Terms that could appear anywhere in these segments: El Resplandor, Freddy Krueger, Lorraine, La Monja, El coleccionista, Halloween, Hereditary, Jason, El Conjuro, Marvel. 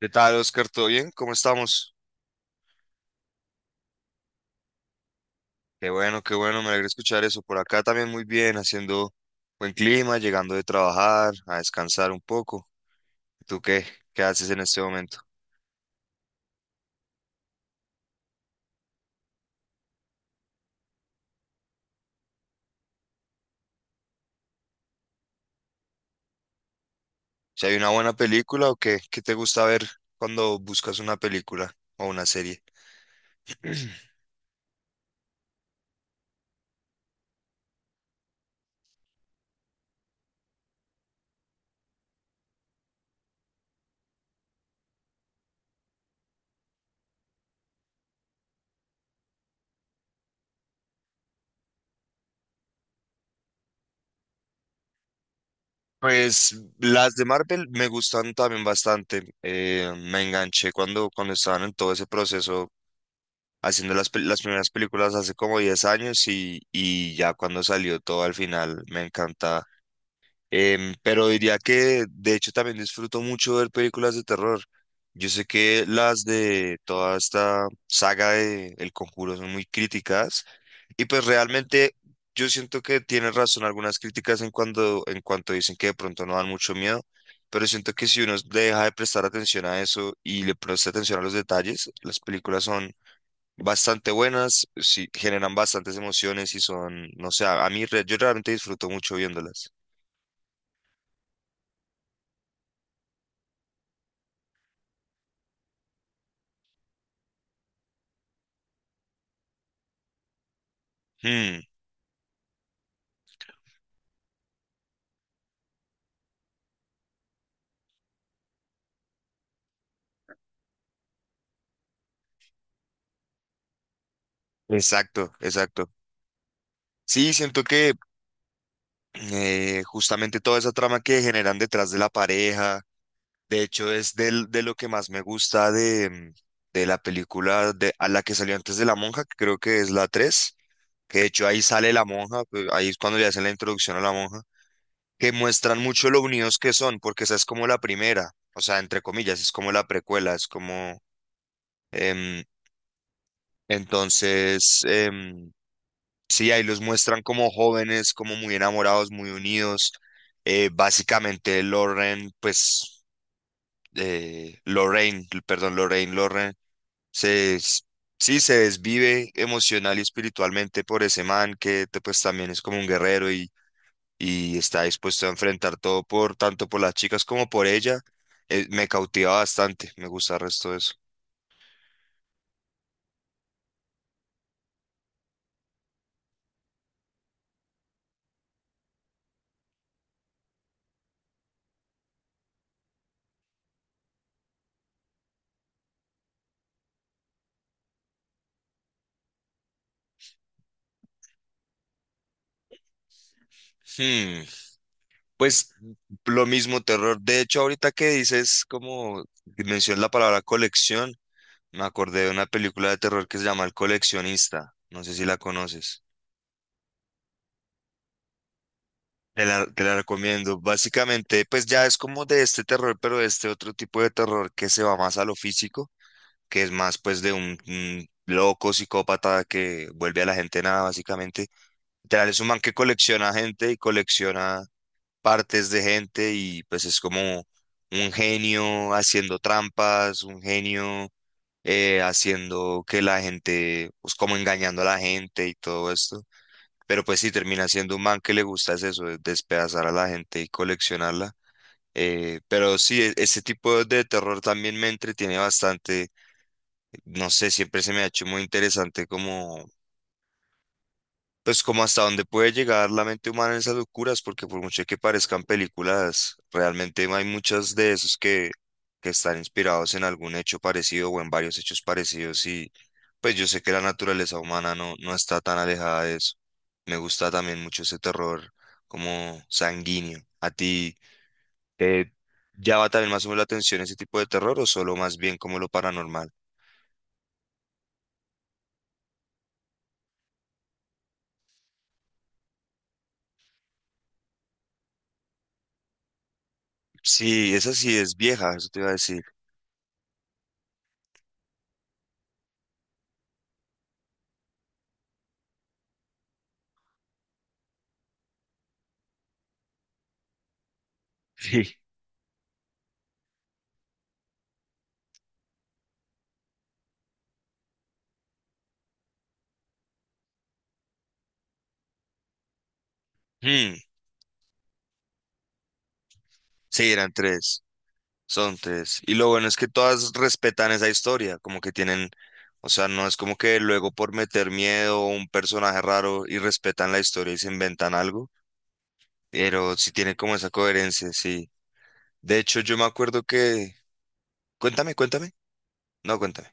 ¿Qué tal, Oscar? ¿Todo bien? ¿Cómo estamos? Qué bueno, me alegra escuchar eso. Por acá también muy bien, haciendo buen clima, llegando de trabajar, a descansar un poco. ¿Tú qué? ¿Qué haces en este momento? ¿Si hay una buena película o qué? ¿Qué te gusta ver cuando buscas una película o una serie? Pues las de Marvel me gustan también bastante. Me enganché cuando estaban en todo ese proceso haciendo las primeras películas hace como 10 años y ya cuando salió todo al final me encanta. Pero diría que de hecho también disfruto mucho ver películas de terror. Yo sé que las de toda esta saga de El Conjuro son muy críticas y pues realmente yo siento que tienen razón algunas críticas en en cuanto dicen que de pronto no dan mucho miedo. Pero siento que si uno deja de prestar atención a eso y le presta atención a los detalles, las películas son bastante buenas, sí, generan bastantes emociones y son, no sé, yo realmente disfruto mucho viéndolas. Hmm, exacto, exacto. Sí, siento que justamente toda esa trama que generan detrás de la pareja, de hecho es de lo que más me gusta de la película a la que salió antes de La Monja, que creo que es la tres, que de hecho ahí sale la monja, pues, ahí es cuando le hacen la introducción a la monja. Que muestran mucho lo unidos que son, porque esa es como la primera, o sea, entre comillas, es como la precuela, es como, em, entonces, sí, ahí los muestran como jóvenes, como muy enamorados, muy unidos. Básicamente, Lauren, pues, Lorraine, perdón, Lorraine, Lauren, se, s- sí, se desvive emocional y espiritualmente por ese man pues también es como un guerrero y está dispuesto a enfrentar todo por tanto por las chicas como por ella. Me cautiva bastante, me gusta el resto de eso. Hmm, Pues lo mismo, terror. De hecho, ahorita que dices, como mencionas la palabra colección, me acordé de una película de terror que se llama El coleccionista. No sé si la conoces. Te la recomiendo. Básicamente, pues ya es como de este terror, pero de este otro tipo de terror que se va más a lo físico, que es más pues de un loco psicópata que vuelve a la gente nada, básicamente. Literal, es un man que colecciona gente y colecciona partes de gente y pues es como un genio haciendo trampas, un genio haciendo que la gente, pues como engañando a la gente y todo esto. Pero pues sí, termina siendo un man que le gusta es eso, es despedazar a la gente y coleccionarla. Pero sí, ese tipo de terror también me entretiene bastante, no sé, siempre se me ha hecho muy interesante como, pues como hasta dónde puede llegar la mente humana en esas locuras, porque por mucho que parezcan películas, realmente hay muchas de esos que están inspirados en algún hecho parecido o en varios hechos parecidos, y pues yo sé que la naturaleza humana no está tan alejada de eso. Me gusta también mucho ese terror como sanguíneo. ¿A ti te llama también más o menos la atención ese tipo de terror o solo más bien como lo paranormal? Sí, esa sí es vieja, eso te iba a decir. Sí. Mm, sí, eran tres. Son tres. Y lo bueno es que todas respetan esa historia, como que tienen, o sea, no es como que luego por meter miedo o un personaje raro, y respetan la historia y se inventan algo, pero sí tiene como esa coherencia, sí. De hecho, yo me acuerdo que... Cuéntame, cuéntame. No, cuéntame.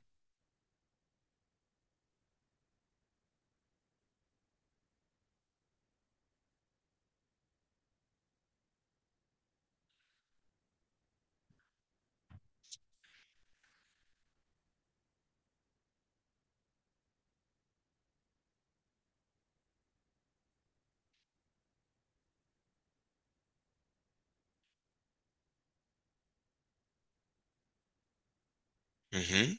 Ujú.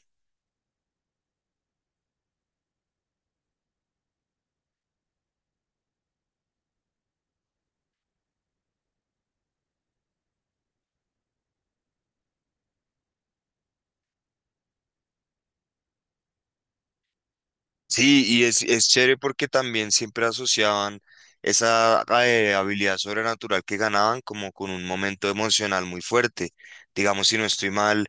Sí, y es chévere porque también siempre asociaban esa habilidad sobrenatural que ganaban como con un momento emocional muy fuerte. Digamos, si no estoy mal.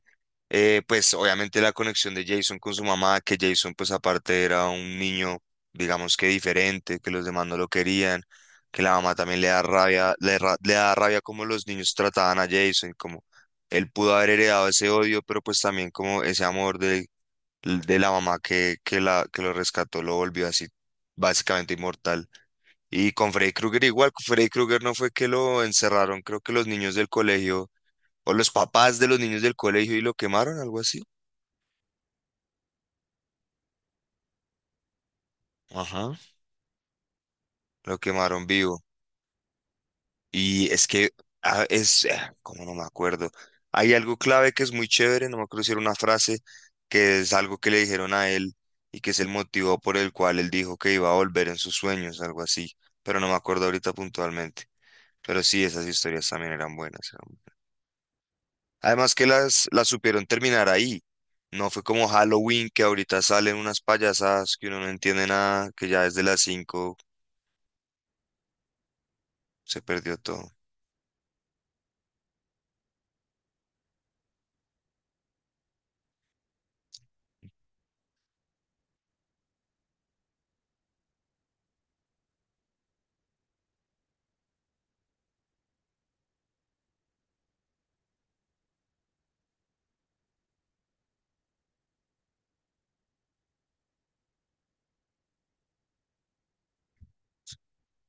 Pues obviamente la conexión de Jason con su mamá, que Jason pues aparte era un niño, digamos que diferente, que los demás no lo querían, que la mamá también le da rabia, le da rabia como los niños trataban a Jason, como él pudo haber heredado ese odio, pero pues también como ese amor de la mamá que lo rescató, lo volvió así básicamente inmortal. Y con Freddy Krueger igual, con Freddy Krueger no fue que lo encerraron, creo que los niños del colegio, o los papás de los niños del colegio, y lo quemaron, algo así. Ajá, lo quemaron vivo. Y es que como no me acuerdo, hay algo clave que es muy chévere, no me acuerdo si era una frase, que es algo que le dijeron a él y que es el motivo por el cual él dijo que iba a volver en sus sueños, algo así, pero no me acuerdo ahorita puntualmente. Pero sí, esas historias también eran buenas. Además que las supieron terminar ahí. No fue como Halloween, que ahorita salen unas payasadas que uno no entiende nada, que ya desde las 5 se perdió todo.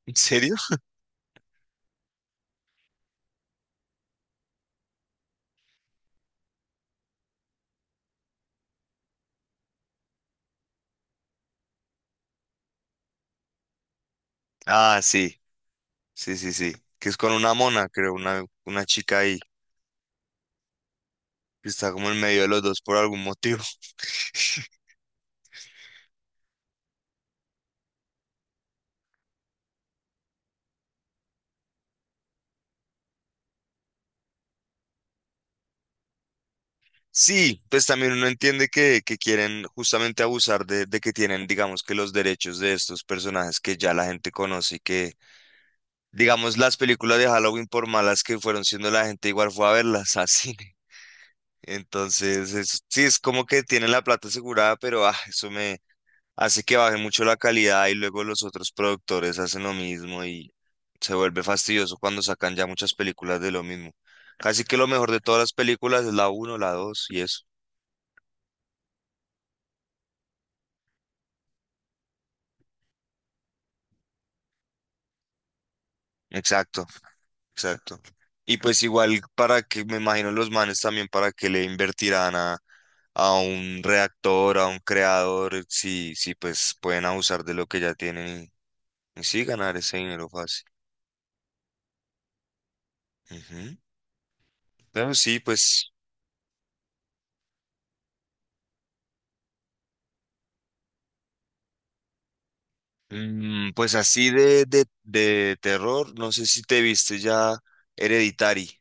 ¿En serio? Ah, sí. Sí, sí, sí. Que es con una mona, creo, una chica ahí, que está como en medio de los dos por algún motivo. Sí, pues también uno entiende que quieren justamente abusar de que tienen, digamos, que los derechos de estos personajes que ya la gente conoce y que, digamos, las películas de Halloween, por malas que fueron siendo, la gente igual fue a verlas a cine. Entonces, sí, es como que tienen la plata asegurada, pero eso me hace que baje mucho la calidad y luego los otros productores hacen lo mismo y se vuelve fastidioso cuando sacan ya muchas películas de lo mismo. Casi que lo mejor de todas las películas es la uno, la dos y eso. Exacto, exacto. Y pues igual para que, me imagino los manes también para que le invertirán a un reactor, a un creador, si pues pueden abusar de lo que ya tienen y sí ganar ese dinero fácil. Ujú. Pero sí, pues así de, de terror, no sé si te viste ya Hereditary.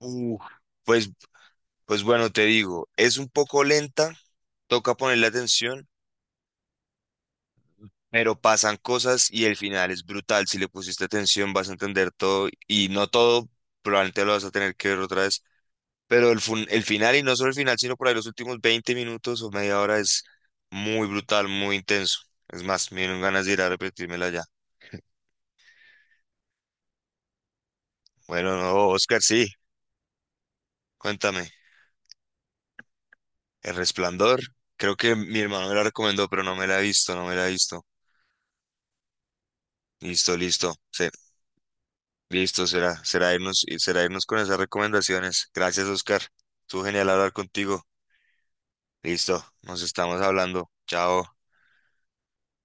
Uf, pues, pues bueno, te digo, es un poco lenta, toca ponerle atención, pero pasan cosas y el final es brutal. Si le pusiste atención vas a entender todo, y no todo, probablemente lo vas a tener que ver otra vez, pero el final, y no solo el final, sino por ahí los últimos 20 minutos o media hora, es muy brutal, muy intenso. Es más, me dieron ganas de ir a repetírmela ya. Bueno, no, Oscar, sí, cuéntame. El Resplandor. Creo que mi hermano me la recomendó, pero no me la he visto, no me la he visto. Listo, listo. Sí, listo, será irnos con esas recomendaciones. Gracias, Oscar. Estuvo genial hablar contigo. Listo, nos estamos hablando. Chao.